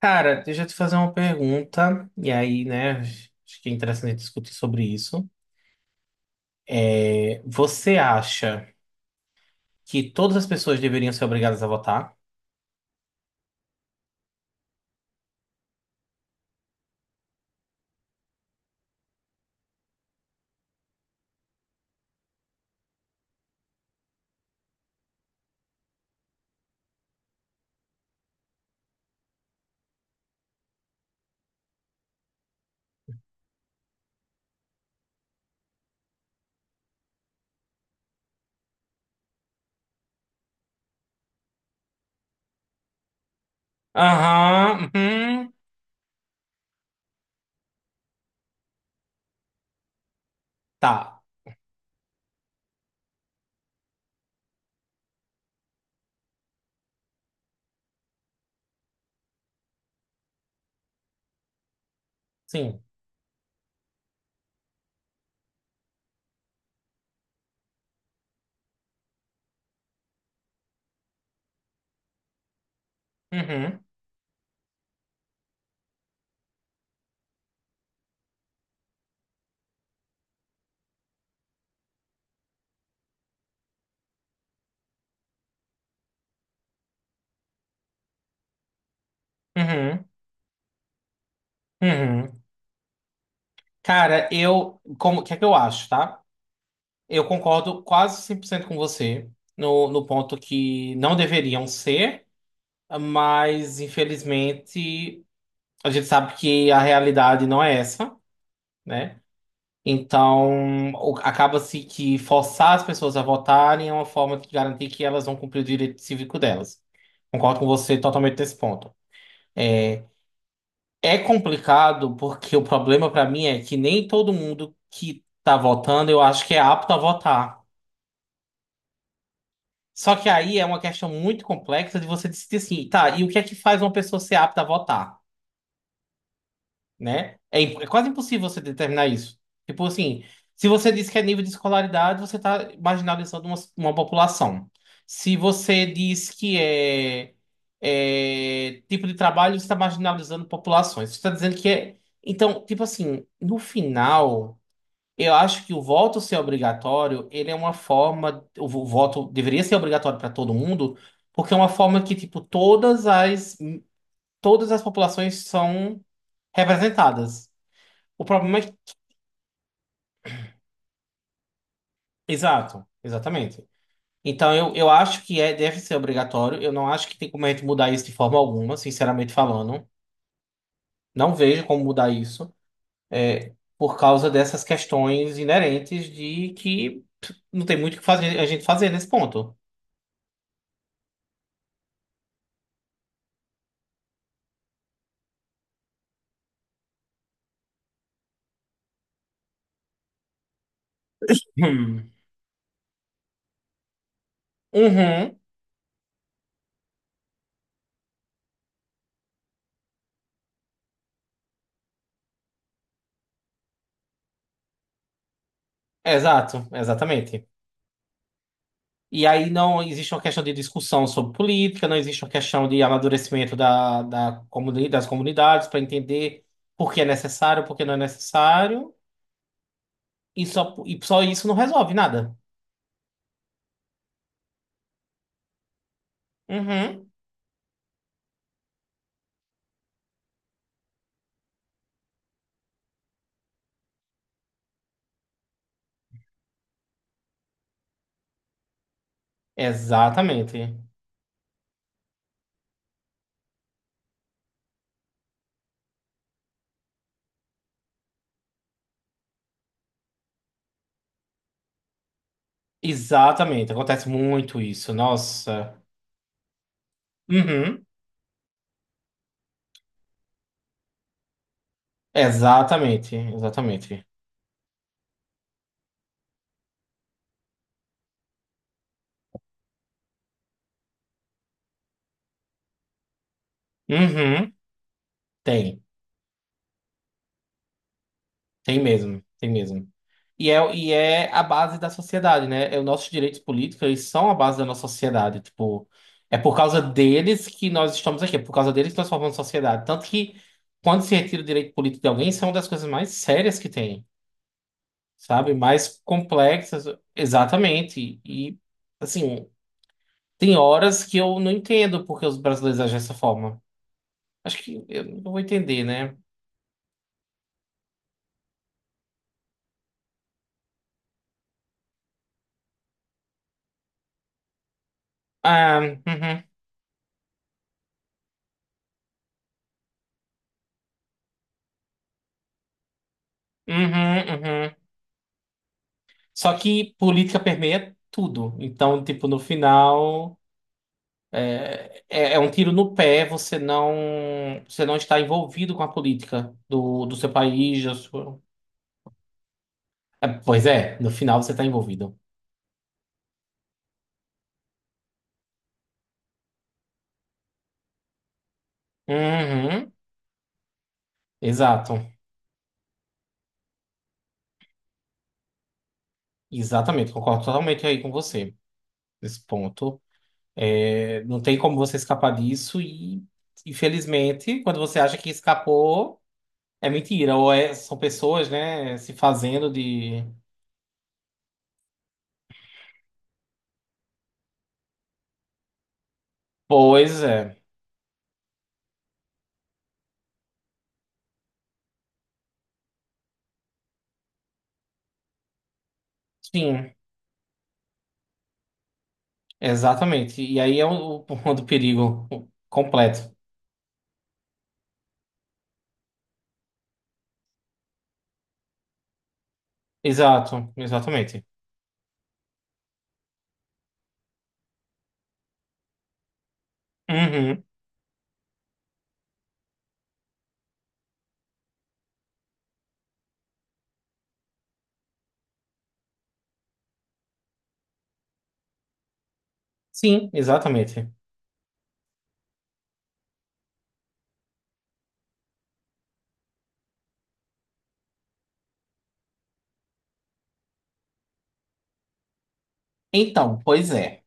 Cara, deixa eu te fazer uma pergunta, e aí, né, acho que é interessante discutir sobre isso. É, você acha que todas as pessoas deveriam ser obrigadas a votar? Aham, uhum, tá, sim. Uhum, uhum, uhum. Cara, o que é que eu acho, tá? Eu concordo quase 100% com você no ponto que não deveriam ser, mas infelizmente a gente sabe que a realidade não é essa, né? Então acaba-se que forçar as pessoas a votarem é uma forma de garantir que elas vão cumprir o direito cívico delas. Concordo com você totalmente nesse ponto. É é complicado porque o problema para mim é que nem todo mundo que tá votando eu acho que é apto a votar. Só que aí é uma questão muito complexa de você decidir assim, tá, e o que é que faz uma pessoa ser apta a votar, né? É quase impossível você determinar isso. Tipo assim, se você diz que é nível de escolaridade, você está marginalizando uma população. Se você diz que é tipo de trabalho, você está marginalizando populações. Você está dizendo que é... Então, tipo assim, no final... Eu acho que o voto ser obrigatório, ele é uma forma, voto deveria ser obrigatório para todo mundo, porque é uma forma que, tipo, todas as populações são representadas. O problema é que, exato, exatamente. Então eu acho que deve ser obrigatório. Eu não acho que tem como a gente mudar isso de forma alguma, sinceramente falando. Não vejo como mudar isso, é, por causa dessas questões inerentes de que pff, não tem muito o que fazer a gente fazer nesse ponto. Hum. Uhum. É, exato, exatamente. E aí não existe uma questão de discussão sobre política, não existe uma questão de amadurecimento da comuni das comunidades para entender por que é necessário, por que não é necessário, e só isso não resolve nada. Uhum. Exatamente. Exatamente. Acontece muito isso. Nossa. Uhum. Exatamente, exatamente. Uhum. Tem. Tem mesmo, tem mesmo. E é a base da sociedade, né? É, os nossos direitos políticos, eles são a base da nossa sociedade. Tipo, é por causa deles que nós estamos aqui, é por causa deles que nós formamos sociedade. Tanto que, quando se retira o direito político de alguém, isso é uma das coisas mais sérias que tem, sabe? Mais complexas, exatamente. E, assim, tem horas que eu não entendo porque os brasileiros agem dessa forma. Acho que eu não vou entender, né? Ah, uhum, uhum, uhum. Só que política permeia tudo. Então, tipo, no final, é um tiro no pé você não está envolvido com a política do seu país. É, pois é, no final você está envolvido. Uhum, exato. Exatamente, concordo totalmente aí com você nesse ponto. É, não tem como você escapar disso e, infelizmente, quando você acha que escapou, é mentira. São pessoas, né, se fazendo de... Pois é. Sim, exatamente. E aí é o ponto do perigo completo. Exato, exatamente. Uhum. Sim, exatamente. Então, pois é.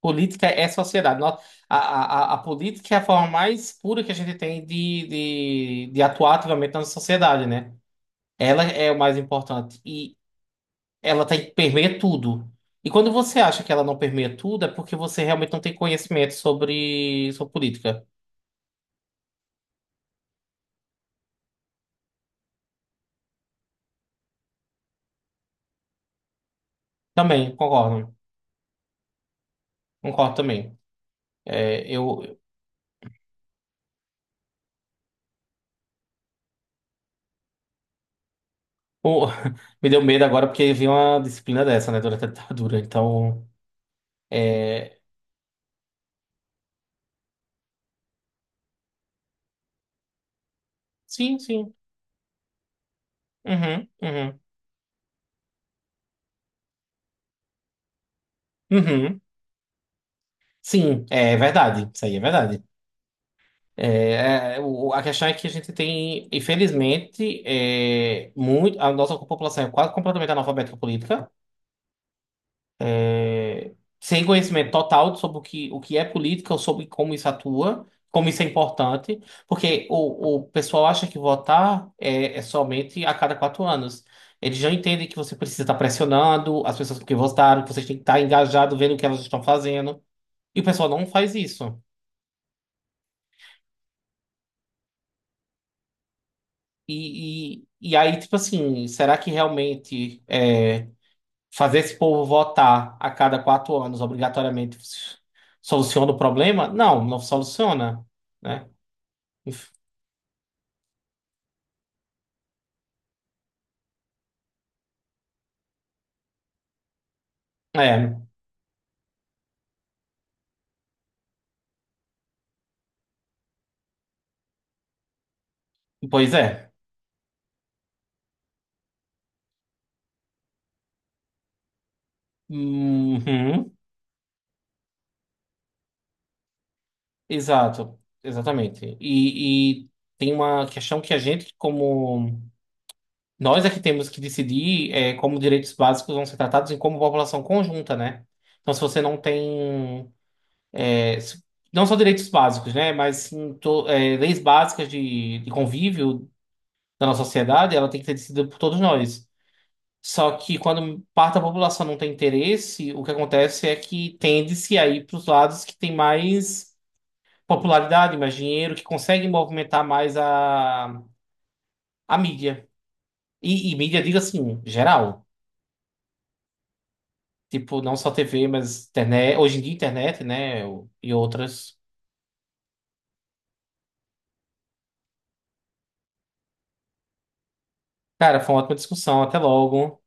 Política é sociedade. A política é a forma mais pura que a gente tem de atuar ativamente na sociedade, né? Ela é o mais importante. E ela tem, permeia tudo. E quando você acha que ela não permeia tudo, é porque você realmente não tem conhecimento sobre, sobre política. Também, concordo. Concordo também. É, eu, pô, me deu medo agora porque vi uma disciplina dessa, né, durante a ditadura. Então, é, sim, sim. Uhum, uhum, uhum. Sim, é verdade. Isso aí é verdade. A questão é que a gente tem, infelizmente, é, muito, a nossa população é quase completamente analfabeta política. Sem conhecimento total sobre o que é política ou sobre como isso atua, como isso é importante, porque o pessoal acha que votar é somente a cada 4 anos. Eles já entendem que você precisa estar pressionando as pessoas que votaram, que você tem que estar engajado vendo o que elas estão fazendo, e o pessoal não faz isso. Aí, tipo assim, será que realmente é, fazer esse povo votar a cada 4 anos obrigatoriamente soluciona o problema? Não, não soluciona. Né? É, pois é. Uhum, exato, exatamente. Tem uma questão que a gente, como nós é que temos que decidir é, como direitos básicos vão ser tratados e como população conjunta, né? Então, se você não tem, é, se- não só direitos básicos, né? Mas sim, leis básicas de convívio da nossa sociedade, ela tem que ser decidida por todos nós. Só que quando parte da população não tem interesse, o que acontece é que tende-se a ir para os lados que tem mais popularidade, mais dinheiro, que conseguem movimentar mais a mídia. Mídia, digo assim, geral. Tipo, não só TV, mas internet. Hoje em dia, internet, né? E outras. Cara, foi uma ótima discussão. Até logo.